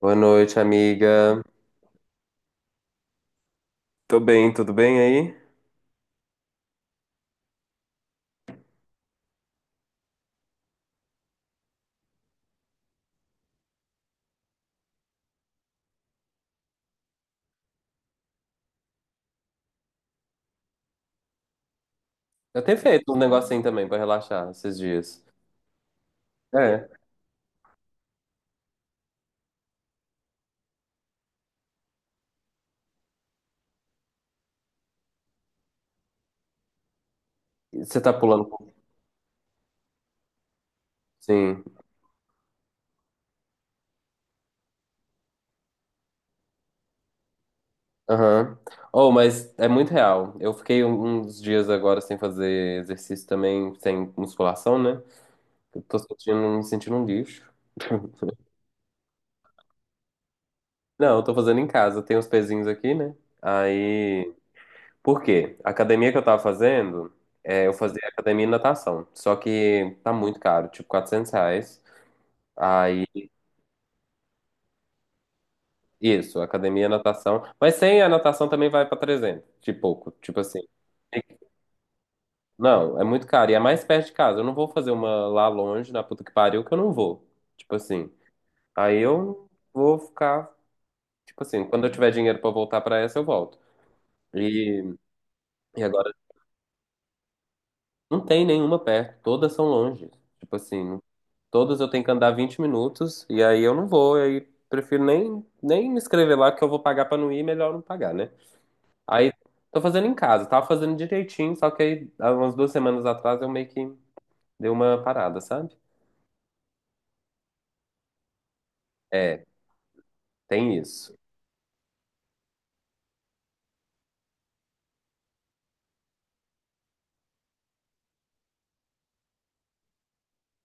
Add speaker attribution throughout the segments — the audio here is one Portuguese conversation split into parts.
Speaker 1: Boa noite, amiga. Tô bem, tudo bem aí? Eu tenho feito um negocinho também pra relaxar esses dias. É, você tá pulando. Sim. Aham. Oh, mas é muito real. Eu fiquei uns dias agora sem fazer exercício também, sem musculação, né? Me sentindo um lixo. Não, eu tô fazendo em casa. Tem uns pezinhos aqui, né? Aí. Por quê? A academia que eu tava fazendo, eu fazia academia e natação. Só que tá muito caro, tipo R$ 400. Aí isso, academia e natação. Mas sem a natação também vai para 300, de pouco, tipo assim. Não, é muito caro. E é mais perto de casa. Eu não vou fazer uma lá longe, na puta que pariu, que eu não vou. Tipo assim. Aí eu vou ficar. Tipo assim, quando eu tiver dinheiro pra voltar pra essa, eu volto. E, e agora, não tem nenhuma perto. Todas são longe. Tipo assim, todas eu tenho que andar 20 minutos. E aí eu não vou. Aí prefiro nem me inscrever lá, que eu vou pagar pra não ir. Melhor não pagar, né? Aí tô fazendo em casa, tava fazendo direitinho, só que aí há umas duas semanas atrás eu meio que dei uma parada, sabe? É, tem isso.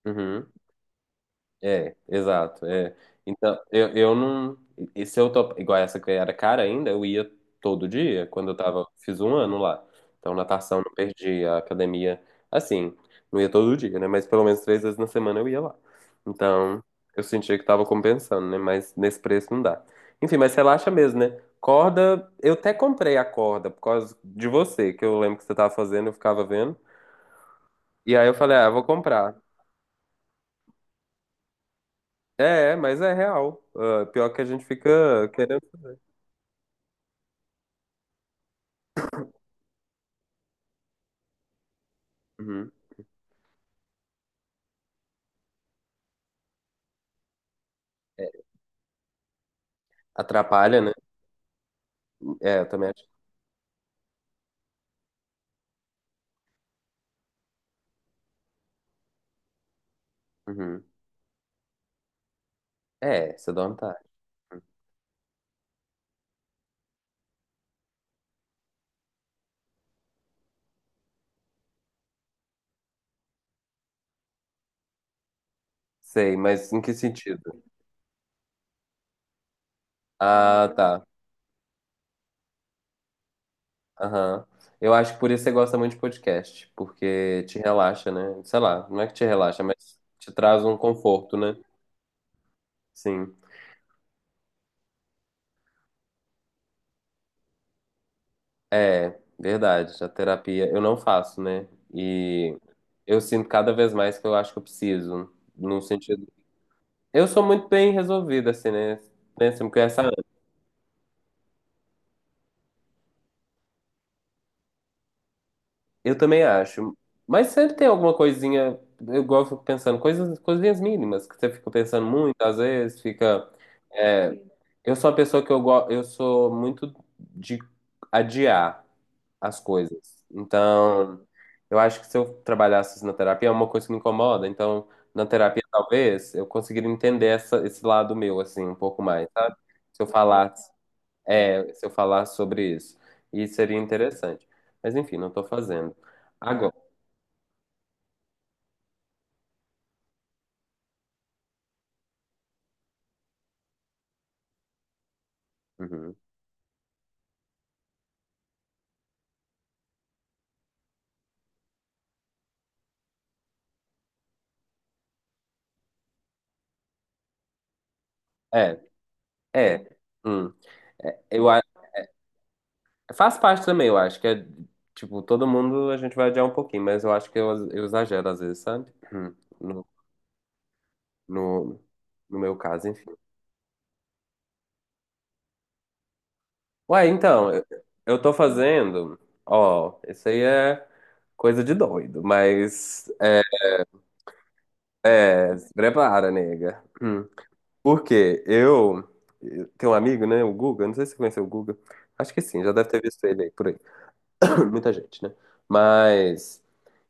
Speaker 1: Uhum. É, exato. É. Então, eu não. E se eu tô. Igual essa que era cara ainda, eu ia todo dia, quando eu tava. Fiz um ano lá. Então, natação, não perdi a academia. Assim, não ia todo dia, né? Mas pelo menos três vezes na semana eu ia lá. Então, eu sentia que tava compensando, né? Mas nesse preço não dá. Enfim, mas relaxa mesmo, né? Corda, eu até comprei a corda por causa de você, que eu lembro que você tava fazendo, eu ficava vendo. E aí eu falei, ah, eu vou comprar. Mas é real. Ah, pior que a gente fica querendo. Uhum. Atrapalha, né? É, eu também acho. Uhum. É, você dorme tarde. Sei, mas em que sentido? Ah, tá. Aham. Eu acho que por isso você gosta muito de podcast, porque te relaxa, né? Sei lá, não é que te relaxa, mas te traz um conforto, né? Sim. É, verdade. A terapia eu não faço, né? E eu sinto cada vez mais que eu acho que eu preciso, num sentido. Eu sou muito bem resolvido, assim, né? Né? Você me conhece há anos. Eu também acho. Mas sempre tem alguma coisinha. Eu gosto fico pensando, coisas, coisinhas mínimas, que você fica pensando muito, às vezes, fica. é, eu sou uma pessoa que eu gosto. Eu sou muito de adiar as coisas. Então, eu acho que se eu trabalhasse na terapia, é uma coisa que me incomoda. Então, na terapia, talvez, eu conseguiria entender essa, esse lado meu, assim, um pouco mais, sabe? Se eu falar É, se eu falar sobre isso. E seria interessante. Mas enfim, não estou fazendo. Agora. Uhum. É, é. Hum. É, eu, a- Faz parte também, eu acho que é. Tipo, todo mundo a gente vai adiar um pouquinho, mas eu acho que eu exagero às vezes, sabe? Hum. No, no, no meu caso, enfim. Ué, então, eu tô fazendo. Ó, isso aí é coisa de doido, mas. É, se prepara, nega. Hum. Porque Eu tenho um amigo, né, o Guga, não sei se você conheceu o Guga, acho que sim, já deve ter visto ele aí por aí. Muita gente, né? Mas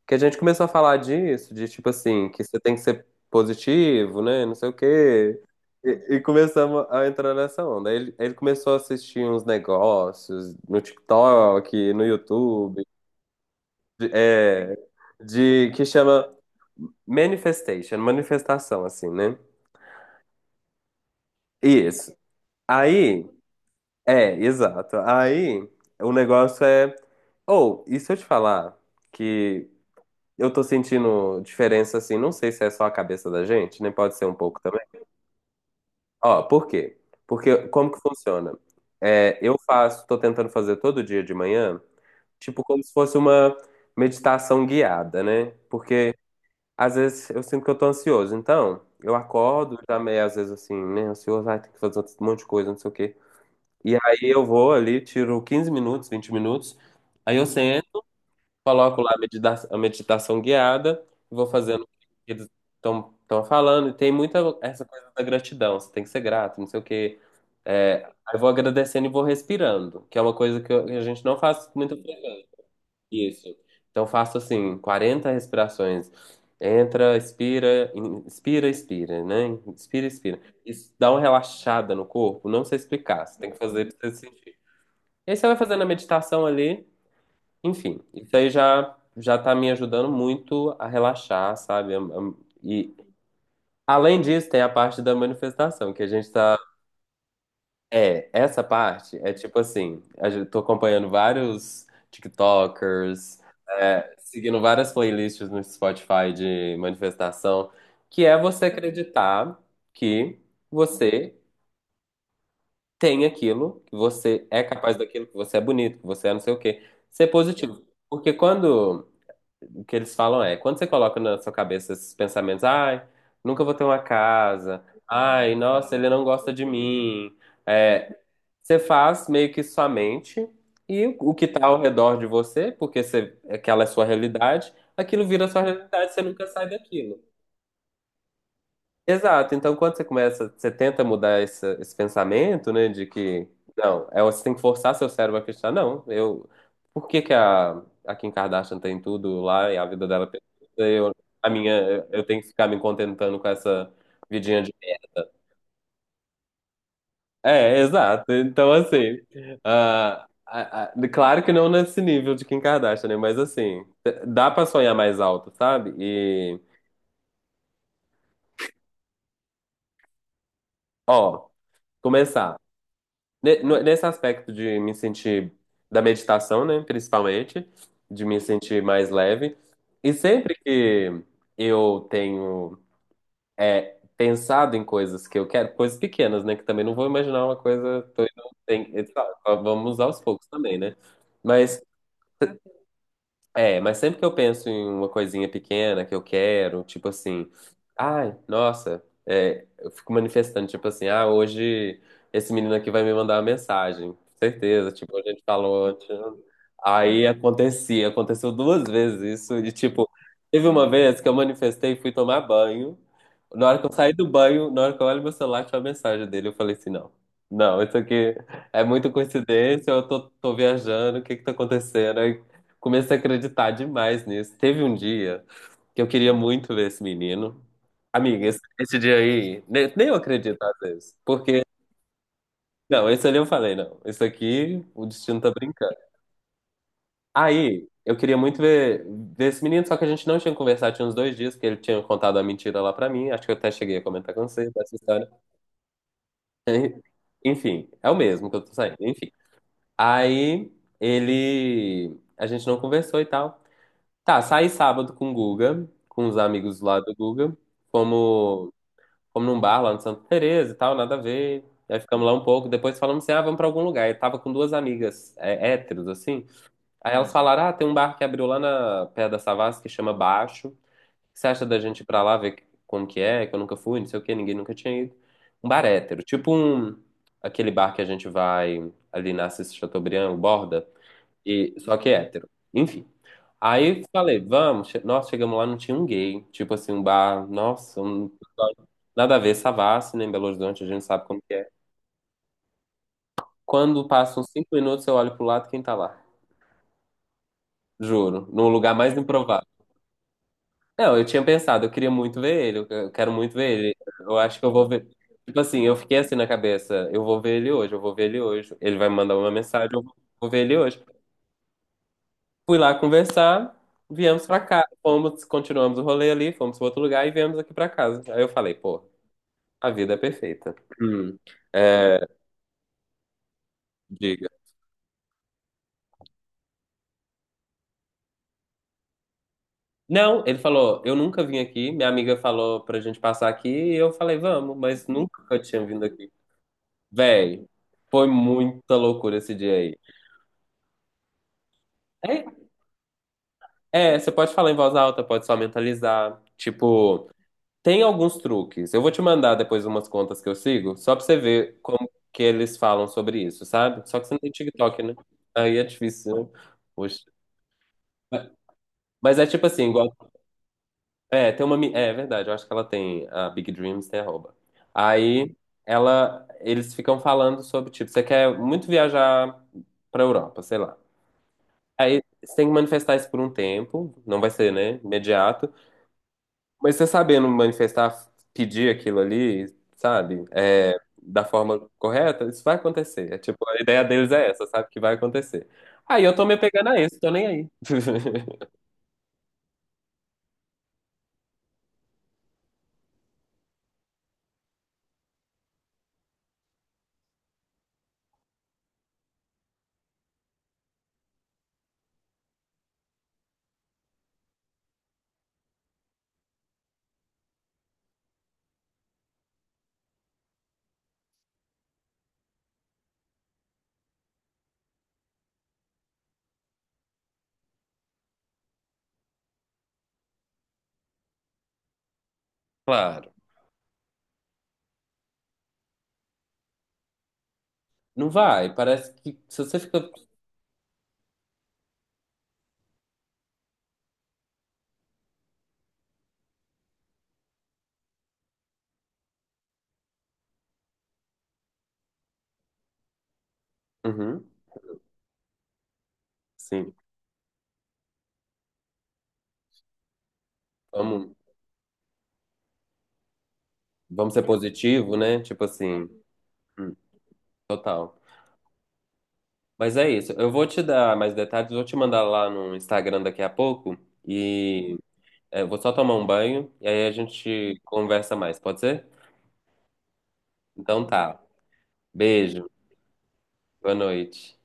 Speaker 1: que a gente começou a falar disso, de tipo assim, que você tem que ser positivo, né, não sei o quê. E começamos a entrar nessa onda. Aí ele começou a assistir uns negócios no TikTok, no YouTube, de- é, de que chama manifestation, manifestação, assim, né? Isso. Aí é, exato. Aí o negócio é. Ou, e se eu te falar que eu tô sentindo diferença assim, não sei se é só a cabeça da gente, nem pode ser um pouco também. Ó, por quê? Porque como que funciona? É, eu faço, tô tentando fazer todo dia de manhã, tipo como se fosse uma meditação guiada, né? Porque às vezes eu sinto que eu tô ansioso, então eu acordo já meio às vezes assim, né, ansioso, ai, tem que fazer um monte de coisa, não sei o quê. E aí eu vou ali, tiro 15 minutos, 20 minutos. Aí eu sento, coloco lá a a meditação guiada, e vou fazendo o que eles estão falando. E tem muita essa coisa da gratidão, você tem que ser grato, não sei o quê. É, aí eu vou agradecendo e vou respirando, que é uma coisa que, que a gente não faz muito frequente. Isso. Então eu faço assim, 40 respirações. Entra, expira, inspira, expira, né? Inspira, expira. Isso dá uma relaxada no corpo, não sei explicar. Você tem que fazer pra você sentir. E aí você vai fazendo a meditação ali, enfim, isso aí já já tá me ajudando muito a relaxar, sabe? E além disso, tem a parte da manifestação, que a gente tá. É, essa parte é tipo assim, tô acompanhando vários TikTokers, seguindo várias playlists no Spotify de manifestação, que é você acreditar que você tem aquilo, que você é capaz daquilo, que você é bonito, que você é não sei o quê. Ser positivo. Porque quando o que eles falam é, quando você coloca na sua cabeça esses pensamentos, ai, nunca vou ter uma casa, ai, nossa, ele não gosta de mim. É, você faz meio que sua mente e o que está ao redor de você, porque você, aquela é sua realidade, aquilo vira sua realidade, você nunca sai daquilo. Exato. Então, quando você começa, você tenta mudar esse pensamento, né, de que não, é você tem que forçar seu cérebro a acreditar. Não, eu. Por que que a Kim Kardashian tem tudo lá e a vida dela é perfeita, e eu, a minha, eu tenho que ficar me contentando com essa vidinha de merda? É, exato. Então, assim, claro que não nesse nível de Kim Kardashian, né? Mas assim, dá pra sonhar mais alto, sabe? E, ó, começar. Nesse aspecto de me sentir da meditação, né, principalmente, de me sentir mais leve. E sempre que eu tenho pensado em coisas que eu quero, coisas pequenas, né, que também não vou imaginar uma coisa, sabe, vamos aos poucos também, né? Mas mas sempre que eu penso em uma coisinha pequena que eu quero, tipo assim, ai, nossa, é, eu fico manifestando, tipo assim, ah, hoje esse menino aqui vai me mandar uma mensagem, certeza, tipo, a gente falou, tipo, aí acontecia, aconteceu duas vezes isso, e tipo, teve uma vez que eu manifestei e fui tomar banho, na hora que eu saí do banho, na hora que eu olho meu celular, tinha uma mensagem dele. Eu falei assim, não. Não, isso aqui é muita coincidência, eu tô, tô viajando, o que que tá acontecendo? Comecei a acreditar demais nisso. Teve um dia que eu queria muito ver esse menino. Amiga, esse dia aí, ne- nem, eu acredito às vezes. Porque, não, esse ali eu falei, não. Isso aqui, o destino tá brincando. Aí, eu queria muito ver esse menino, só que a gente não tinha conversado, tinha uns dois dias, porque ele tinha contado a mentira lá pra mim. Acho que eu até cheguei a comentar com você essa história. Enfim, é o mesmo que eu tô saindo, enfim. Aí, ele. A gente não conversou e tal. Tá, saí sábado com o Guga, com os amigos lá do Guga. Fomos, fomos num bar lá no Santa Teresa e tal, nada a ver. Aí ficamos lá um pouco, depois falamos assim, ah, vamos pra algum lugar. Eu tava com duas amigas é, héteros, assim. Aí elas falaram, ah, tem um bar que abriu lá na Pedra da Savassi que chama Baixo. O que você acha da gente ir pra lá ver como que é? Que eu nunca fui, não sei o quê, ninguém nunca tinha ido. Um bar hétero, tipo um, aquele bar que a gente vai ali na Assis Chateaubriand, o Borda. E, só que é hétero. Enfim. Aí falei, vamos. Che- nossa, chegamos lá, não tinha um gay. Tipo assim, um bar. Nossa, um- nada a ver, Savassi, né? Em Belo Horizonte, a gente sabe como que é. Quando passam 5 minutos, eu olho pro lado, quem tá lá? Juro, no lugar mais improvável. Não, eu tinha pensado, eu queria muito ver ele, eu quero muito ver ele. Eu acho que eu vou ver. Tipo assim, eu fiquei assim na cabeça, eu vou ver ele hoje, eu vou ver ele hoje. Ele vai me mandar uma mensagem, eu vou vou ver ele hoje. Fui lá conversar, viemos pra cá. Fomos, continuamos o rolê ali, fomos para outro lugar e viemos aqui pra casa. Aí eu falei, pô, a vida é perfeita. Hum, é, diga. Não, ele falou, eu nunca vim aqui. Minha amiga falou pra gente passar aqui e eu falei, vamos, mas nunca eu tinha vindo aqui. Véi, foi muita loucura esse dia aí. É, você pode falar em voz alta, pode só mentalizar. Tipo, tem alguns truques. Eu vou te mandar depois umas contas que eu sigo, só pra você ver como que eles falam sobre isso, sabe? Só que você não tem TikTok, né? Aí é difícil, né? Poxa. Mas é tipo assim, igual. É, é verdade, eu acho que ela tem. A Big Dreams tem arroba. Aí ela. Eles ficam falando sobre, tipo, você quer muito viajar pra Europa, sei lá. Aí você tem que manifestar isso por um tempo, não vai ser, né? Imediato. Mas você sabendo manifestar, pedir aquilo ali, sabe? É, da forma correta, isso vai acontecer. É tipo, a ideia deles é essa, sabe? Que vai acontecer. Aí eu tô me apegando a isso, tô nem aí. Claro. Não vai. Parece que se você fica. Uhum, sim. Vamos, vamos ser positivo, né? Tipo assim. Hum, total. Mas é isso. Eu vou te dar mais detalhes, vou te mandar lá no Instagram daqui a pouco. E é, eu vou só tomar um banho e aí a gente conversa mais, pode ser? Então tá. Beijo, boa noite.